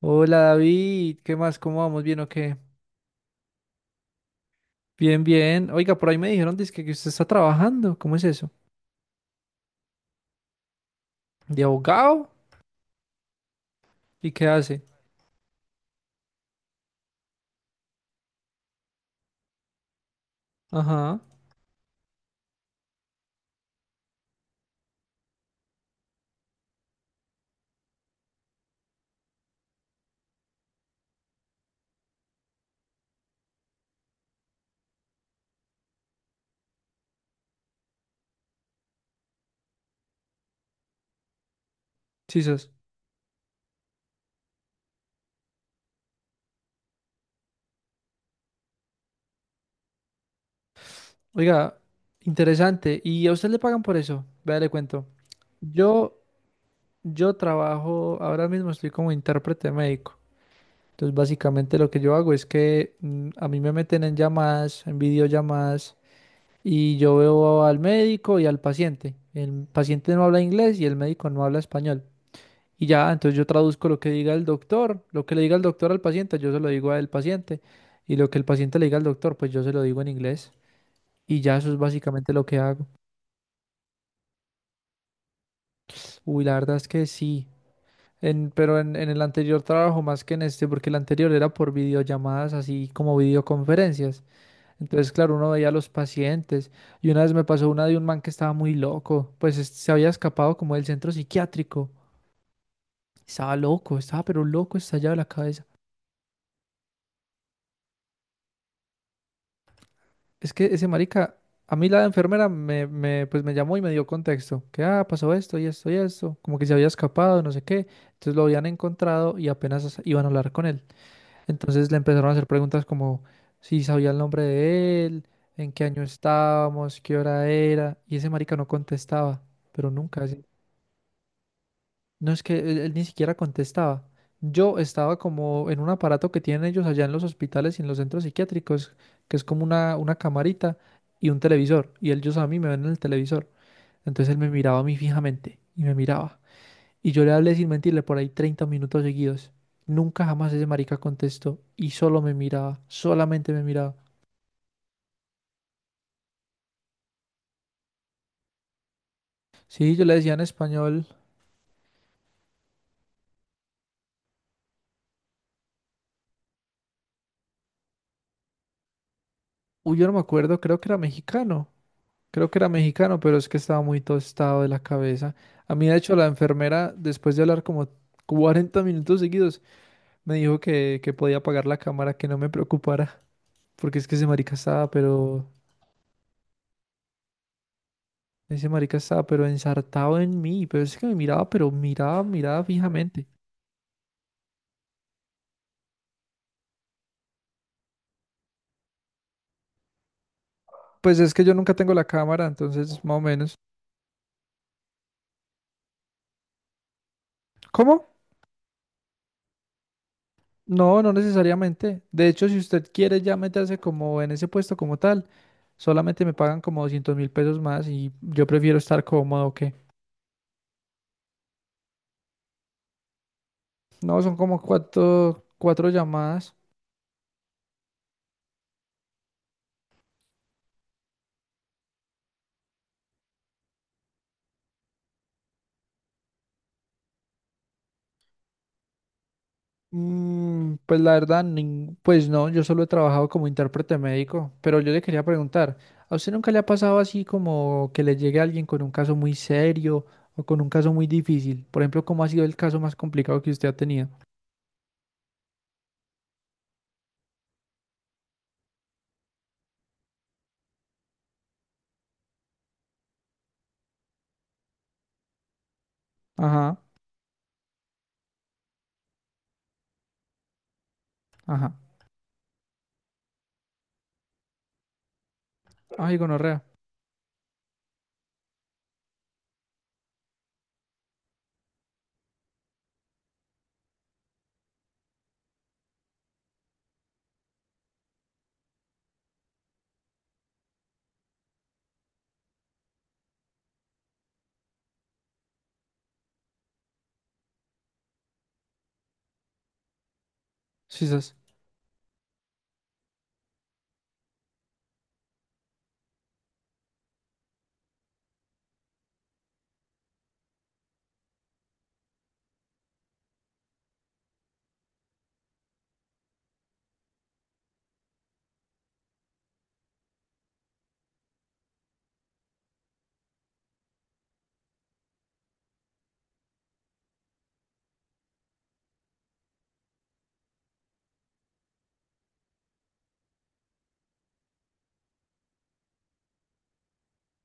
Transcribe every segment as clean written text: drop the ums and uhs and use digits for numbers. Hola, David, ¿qué más? ¿Cómo vamos? ¿Bien o qué? Bien, bien. Oiga, por ahí me dijeron dizque que usted está trabajando. ¿Cómo es eso? ¿De abogado? ¿Y qué hace? Ajá, sisas. Oiga, interesante. ¿Y a usted le pagan por eso? Vea, le cuento. Yo, yo trabajo, ahora mismo estoy como intérprete médico. Entonces, básicamente lo que yo hago es que a mí me meten en llamadas, en videollamadas, y yo veo al médico y al paciente. El paciente no habla inglés y el médico no habla español. Y ya, entonces yo traduzco lo que diga el doctor, lo que le diga el doctor al paciente, yo se lo digo al paciente. Y lo que el paciente le diga al doctor, pues yo se lo digo en inglés. Y ya eso es básicamente lo que hago. Uy, la verdad es que sí. Pero en el anterior trabajo más que en este, porque el anterior era por videollamadas, así como videoconferencias. Entonces, claro, uno veía a los pacientes. Y una vez me pasó una de un man que estaba muy loco, pues se había escapado como del centro psiquiátrico. Estaba loco, estaba pero loco, estallado de la cabeza. Es que ese marica, a mí la enfermera pues me llamó y me dio contexto, que ah, pasó esto y esto y esto, como que se había escapado, no sé qué, entonces lo habían encontrado y apenas iban a hablar con él. Entonces le empezaron a hacer preguntas como si sabía el nombre de él, en qué año estábamos, qué hora era, y ese marica no contestaba, pero nunca. No es que él ni siquiera contestaba. Yo estaba como en un aparato que tienen ellos allá en los hospitales y en los centros psiquiátricos, que es como una camarita y un televisor. Y ellos a mí me ven en el televisor. Entonces él me miraba a mí fijamente y me miraba. Y yo le hablé sin mentirle por ahí 30 minutos seguidos. Nunca jamás ese marica contestó y solo me miraba, solamente me miraba. Sí, yo le decía en español, uy, yo no me acuerdo, creo que era mexicano. Creo que era mexicano, pero es que estaba muy tostado de la cabeza. A mí, de hecho, la enfermera, después de hablar como 40 minutos seguidos, me dijo que podía apagar la cámara, que no me preocupara, porque es que ese marica estaba, pero... Ese marica estaba, pero ensartado en mí, pero es que me miraba, pero miraba, miraba fijamente. Pues es que yo nunca tengo la cámara, entonces más o menos. ¿Cómo? No, no necesariamente. De hecho, si usted quiere ya meterse como en ese puesto como tal, solamente me pagan como 200.000 pesos más y yo prefiero estar cómodo que... No, son como cuatro llamadas. Pues la verdad, pues no, yo solo he trabajado como intérprete médico, pero yo le quería preguntar, ¿a usted nunca le ha pasado así como que le llegue alguien con un caso muy serio o con un caso muy difícil? Por ejemplo, ¿cómo ha sido el caso más complicado que usted ha tenido? Ajá, ajá. Ay, gonorrea. Sí, sas.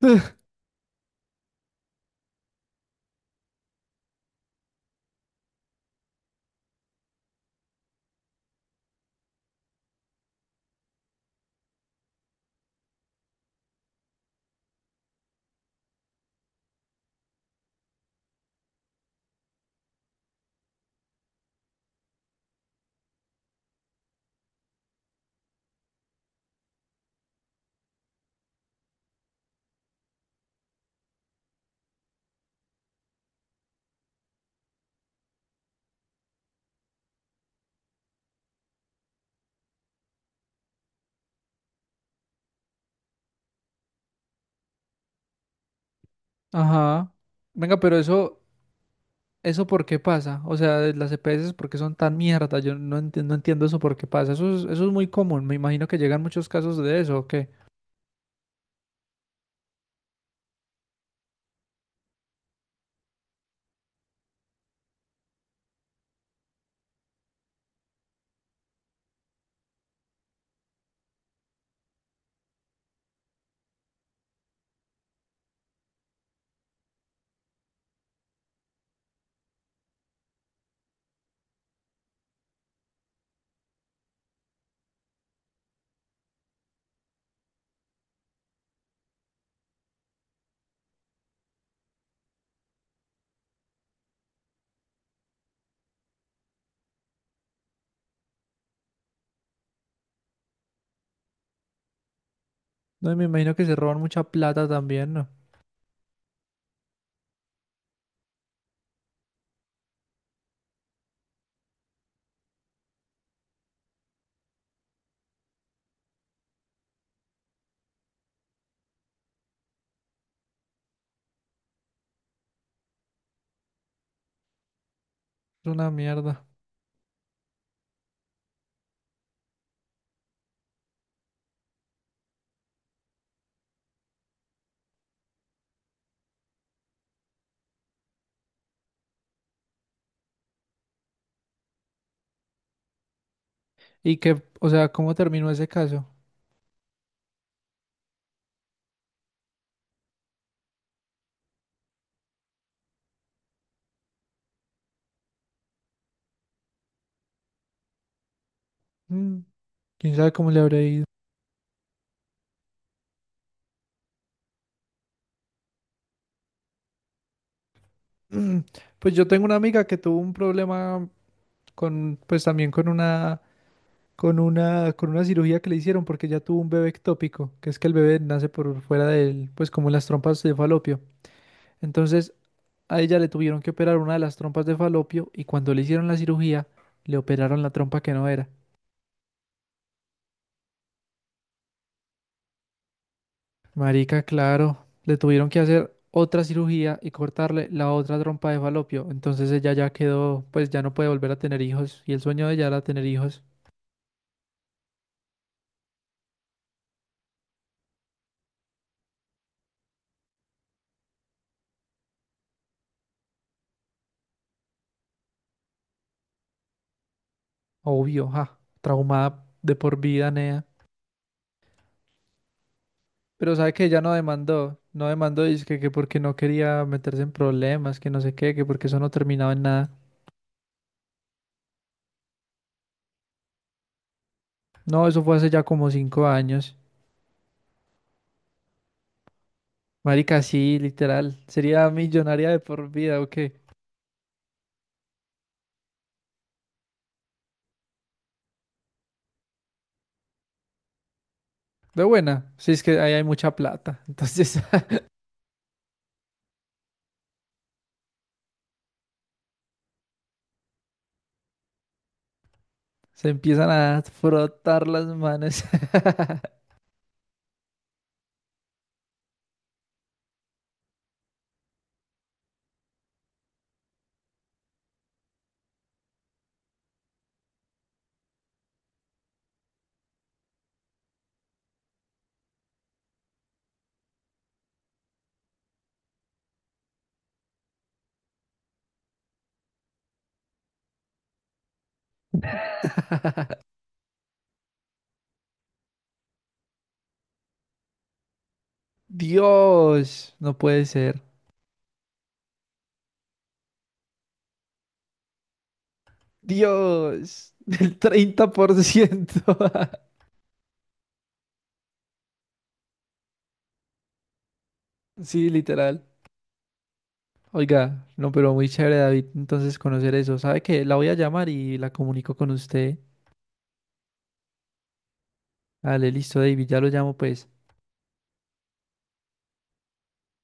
Ajá. Venga, pero eso, ¿eso por qué pasa? O sea, de las EPS, ¿por qué son tan mierda? Yo no entiendo, no entiendo eso por qué pasa. Eso es muy común. Me imagino que llegan muchos casos de eso, ¿o qué? No, y me imagino que se roban mucha plata también, ¿no? Es una mierda. Y que, o sea, ¿cómo terminó ese caso? Mm, quién sabe cómo le habrá ido. Mm, pues yo tengo una amiga que tuvo un problema con, pues también con una, con una, con una cirugía que le hicieron porque ella tuvo un bebé ectópico, que es que el bebé nace por fuera del, pues como las trompas de falopio. Entonces a ella le tuvieron que operar una de las trompas de falopio y cuando le hicieron la cirugía, le operaron la trompa que no era. Marica, claro, le tuvieron que hacer otra cirugía y cortarle la otra trompa de falopio. Entonces ella ya quedó, pues ya no puede volver a tener hijos y el sueño de ella era tener hijos. Obvio, ja, traumada de por vida, Nea. Pero sabe que ella no demandó, no demandó, dice que porque no quería meterse en problemas, que no sé qué, que porque eso no terminaba en nada. No, eso fue hace ya como 5 años. Marica, sí, literal. Sería millonaria de por vida, ¿o qué? De buena. Sí, es que ahí hay mucha plata. Entonces se empiezan a frotar las manos. Dios, no puede ser. Dios, del 30%. Sí, literal. Oiga, no, pero muy chévere, David. Entonces conocer eso. ¿Sabe qué? La voy a llamar y la comunico con usted. Dale, listo, David. Ya lo llamo, pues.